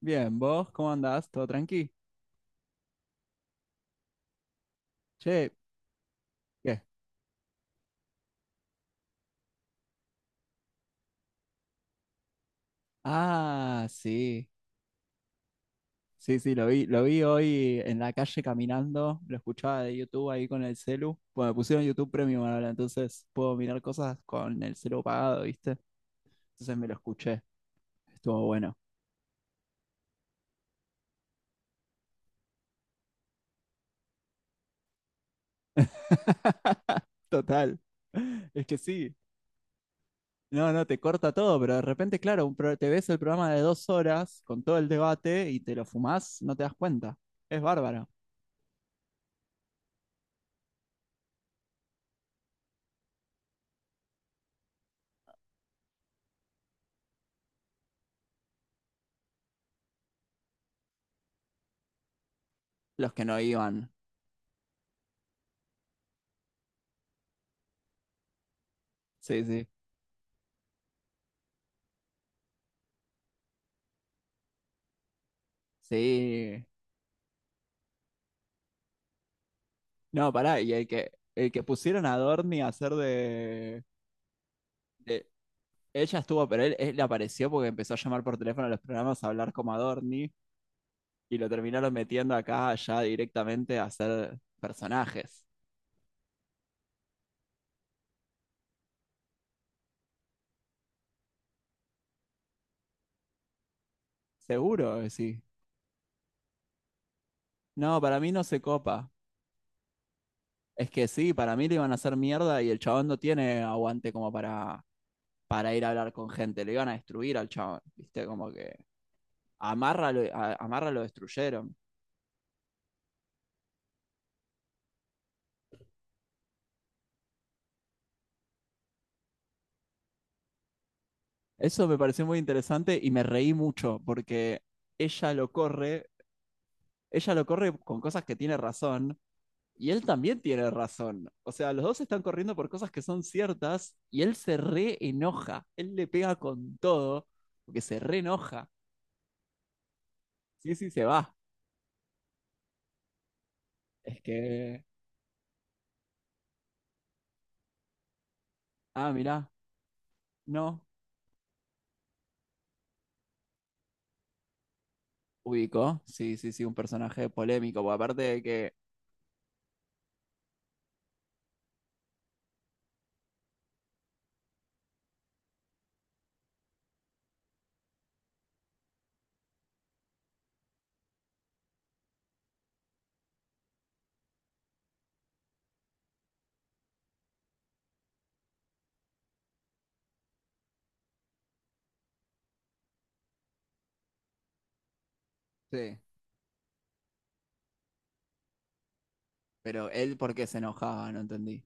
Bien, ¿vos cómo andás? ¿Todo tranqui? Che, ¿qué? Ah, sí. Sí, sí, lo vi hoy en la calle caminando, lo escuchaba de YouTube ahí con el celu. Bueno, me pusieron YouTube Premium ahora, entonces puedo mirar cosas con el celu pagado, ¿viste? Entonces me lo escuché, estuvo bueno. Total. Es que sí. No, no, te corta todo, pero de repente, claro, te ves el programa de 2 horas con todo el debate y te lo fumás, no te das cuenta. Es bárbaro. Los que no iban. Sí, sí. Sí. No, pará, y el que pusieron a Dorni a hacer de. Ella estuvo, pero él le apareció porque empezó a llamar por teléfono a los programas a hablar como a Dorni y lo terminaron metiendo acá ya directamente a hacer personajes. Seguro que sí. No, para mí no se copa. Es que sí, para mí le iban a hacer mierda y el chabón no tiene aguante como para ir a hablar con gente. Le iban a destruir al chabón, ¿viste? Como que amarra lo destruyeron. Eso me pareció muy interesante y me reí mucho porque ella lo corre, ella lo corre con cosas que tiene razón y él también tiene razón. O sea, los dos están corriendo por cosas que son ciertas y él se re enoja, él le pega con todo porque se re enoja. Sí, sí, se va. Es que, ah, mirá, no, ubicó. Sí, sí, sí, un personaje polémico, porque aparte de que, sí, pero él por qué se enojaba, no entendí.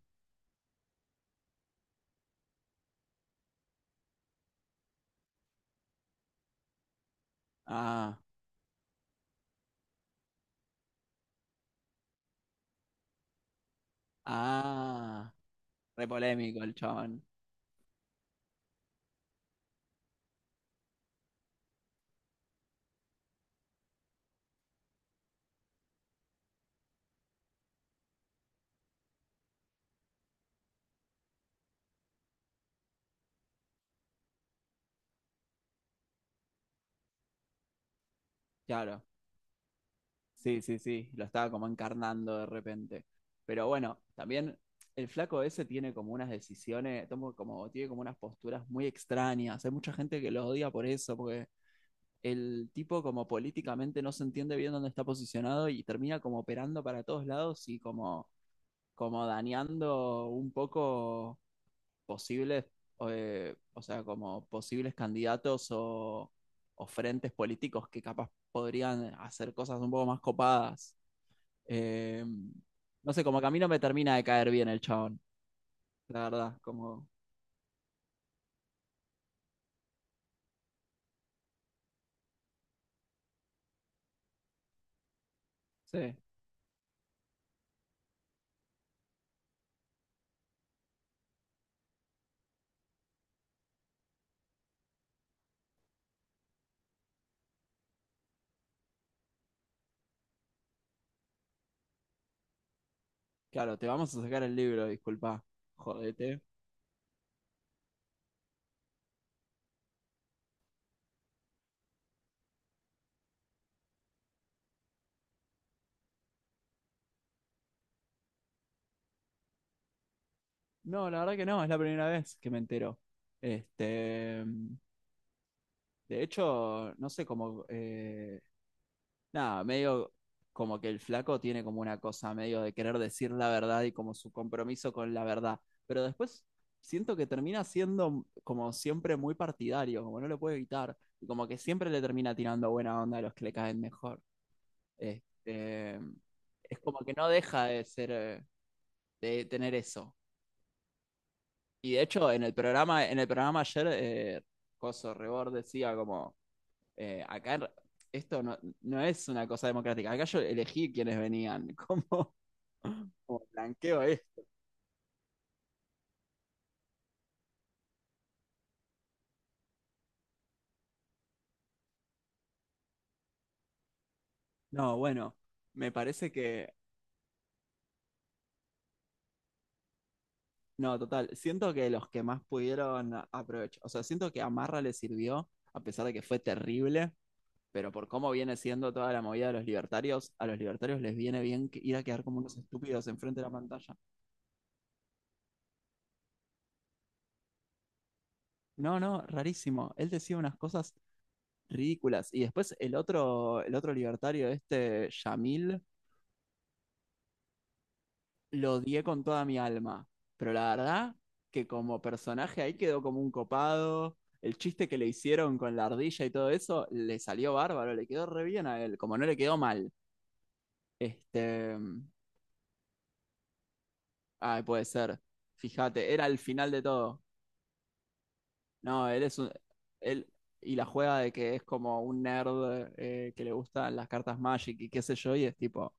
Ah, ah, re polémico el chabón. Claro, sí, sí, sí, lo estaba como encarnando de repente. Pero bueno, también el flaco ese tiene como unas decisiones, tomo como, tiene como unas posturas muy extrañas. Hay mucha gente que lo odia por eso, porque el tipo como políticamente no se entiende bien dónde está posicionado y termina como operando para todos lados y como dañando un poco posibles, o sea, como posibles candidatos o frentes políticos que capaz podrían hacer cosas un poco más copadas. Eh, no sé, como que a mí no me termina de caer bien el chabón, la verdad, como, sí, claro, te vamos a sacar el libro, disculpa, jodete. No, la verdad que no, es la primera vez que me entero. Este, de hecho, no sé, como nada, medio como que el flaco tiene como una cosa medio de querer decir la verdad y como su compromiso con la verdad. Pero después siento que termina siendo como siempre muy partidario, como no lo puede evitar. Y como que siempre le termina tirando buena onda a los que le caen mejor. Este, es como que no deja de ser, de tener eso. Y de hecho, en el programa ayer, Coso Rebord decía como acá esto no, no es una cosa democrática. Acá yo elegí quienes venían. ¿Cómo blanqueo esto? No, bueno, me parece que. No, total. Siento que los que más pudieron aprovechar. O sea, siento que Amarra le sirvió, a pesar de que fue terrible. Pero por cómo viene siendo toda la movida de los libertarios, a los libertarios les viene bien ir a quedar como unos estúpidos enfrente de la pantalla. No, no, rarísimo. Él decía unas cosas ridículas. Y después el otro libertario, este Yamil, lo odié con toda mi alma. Pero la verdad que como personaje ahí quedó como un copado. El chiste que le hicieron con la ardilla y todo eso le salió bárbaro, le quedó re bien a él, como no le quedó mal. Este, ay, puede ser. Fíjate, era el final de todo. No, él y la juega de que es como un nerd que le gustan las cartas Magic y qué sé yo, y es tipo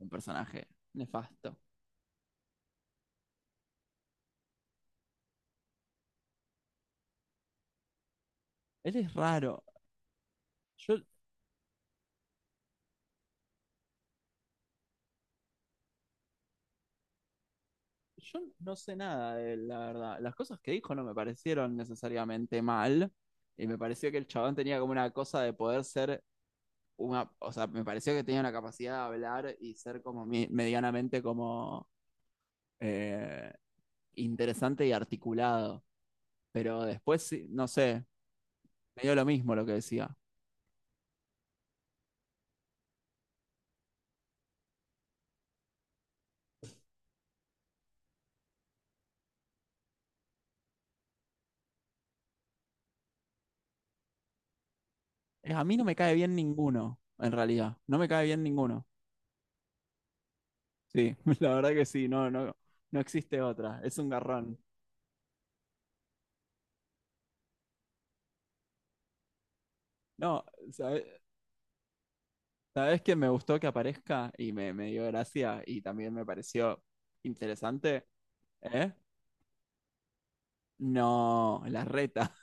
un personaje nefasto. Él es raro. Yo Yo no sé nada de él, la verdad. Las cosas que dijo no me parecieron necesariamente mal. Y me pareció que el chabón tenía como una cosa de poder ser una. O sea, me pareció que tenía una capacidad de hablar y ser como medianamente como eh, interesante y articulado. Pero después, sí, no sé, me dio lo mismo lo que decía. A mí no me cae bien ninguno, en realidad. No me cae bien ninguno. Sí, la verdad que sí, no, no, no existe otra. Es un garrón. No, sabes que me gustó que aparezca y me dio gracia y también me pareció interesante. ¿Eh? No, la reta.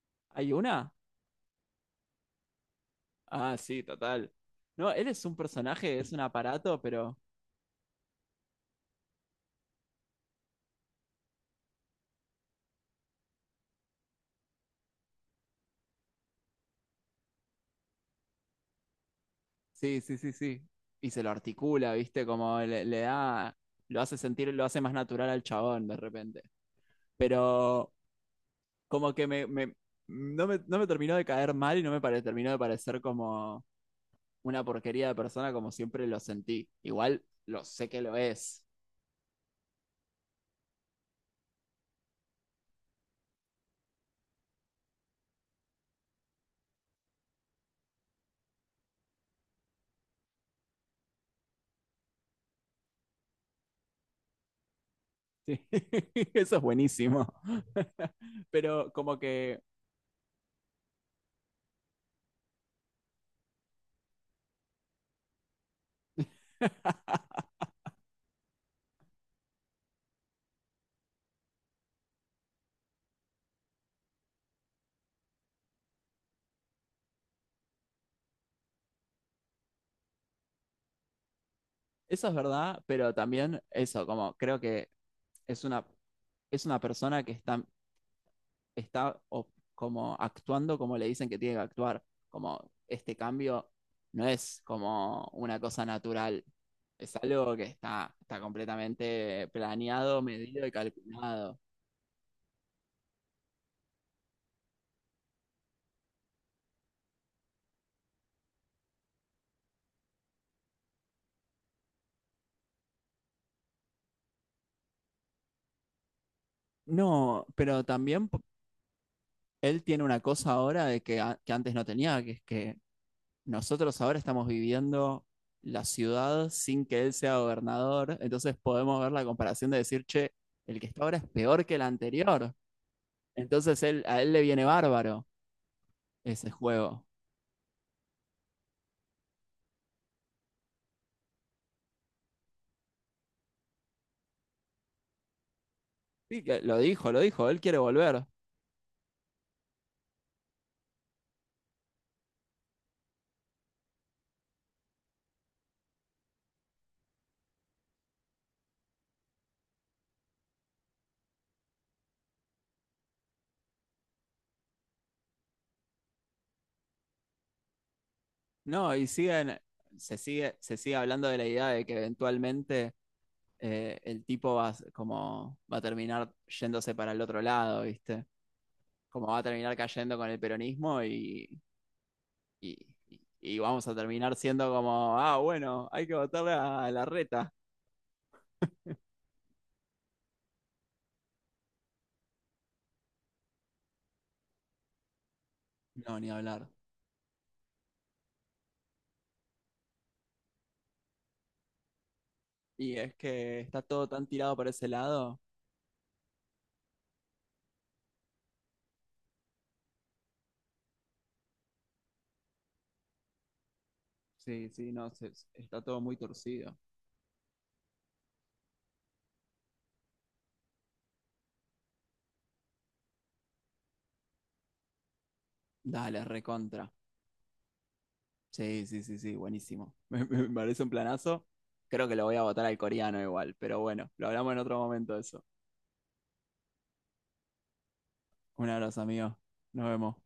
¿Hay una? Ah, sí, total. No, él es un personaje, es un aparato, pero sí, sí, sí, sí. Y se lo articula, ¿viste? Como le da, lo hace sentir, lo hace más natural al chabón de repente. Pero como que no me terminó de caer mal y no terminó de parecer como una porquería de persona como siempre lo sentí. Igual lo sé que lo es. Sí, eso es buenísimo. Pero como que eso es verdad, pero también eso, como creo que es una, es una persona que está, está como actuando como le dicen que tiene que actuar. Como este cambio no es como una cosa natural. Es algo que está completamente planeado, medido y calculado. No, pero también él tiene una cosa ahora de que, que antes no tenía, que es que nosotros ahora estamos viviendo la ciudad sin que él sea gobernador, entonces podemos ver la comparación de decir, che, el que está ahora es peor que el anterior, entonces a él le viene bárbaro ese juego. Sí, que lo dijo, él quiere volver. No, y se sigue hablando de la idea de que eventualmente el tipo va a terminar yéndose para el otro lado, ¿viste? Como va a terminar cayendo con el peronismo y- y vamos a terminar siendo como, ah, bueno, hay que votarle a la reta. No, ni hablar. Y es que está todo tan tirado por ese lado. Sí, sí, no, está todo muy torcido. Dale, recontra. Sí, sí, sí, sí, buenísimo. Me parece un planazo. Creo que lo voy a votar al coreano igual, pero bueno, lo hablamos en otro momento eso. Un abrazo, amigo. Nos vemos.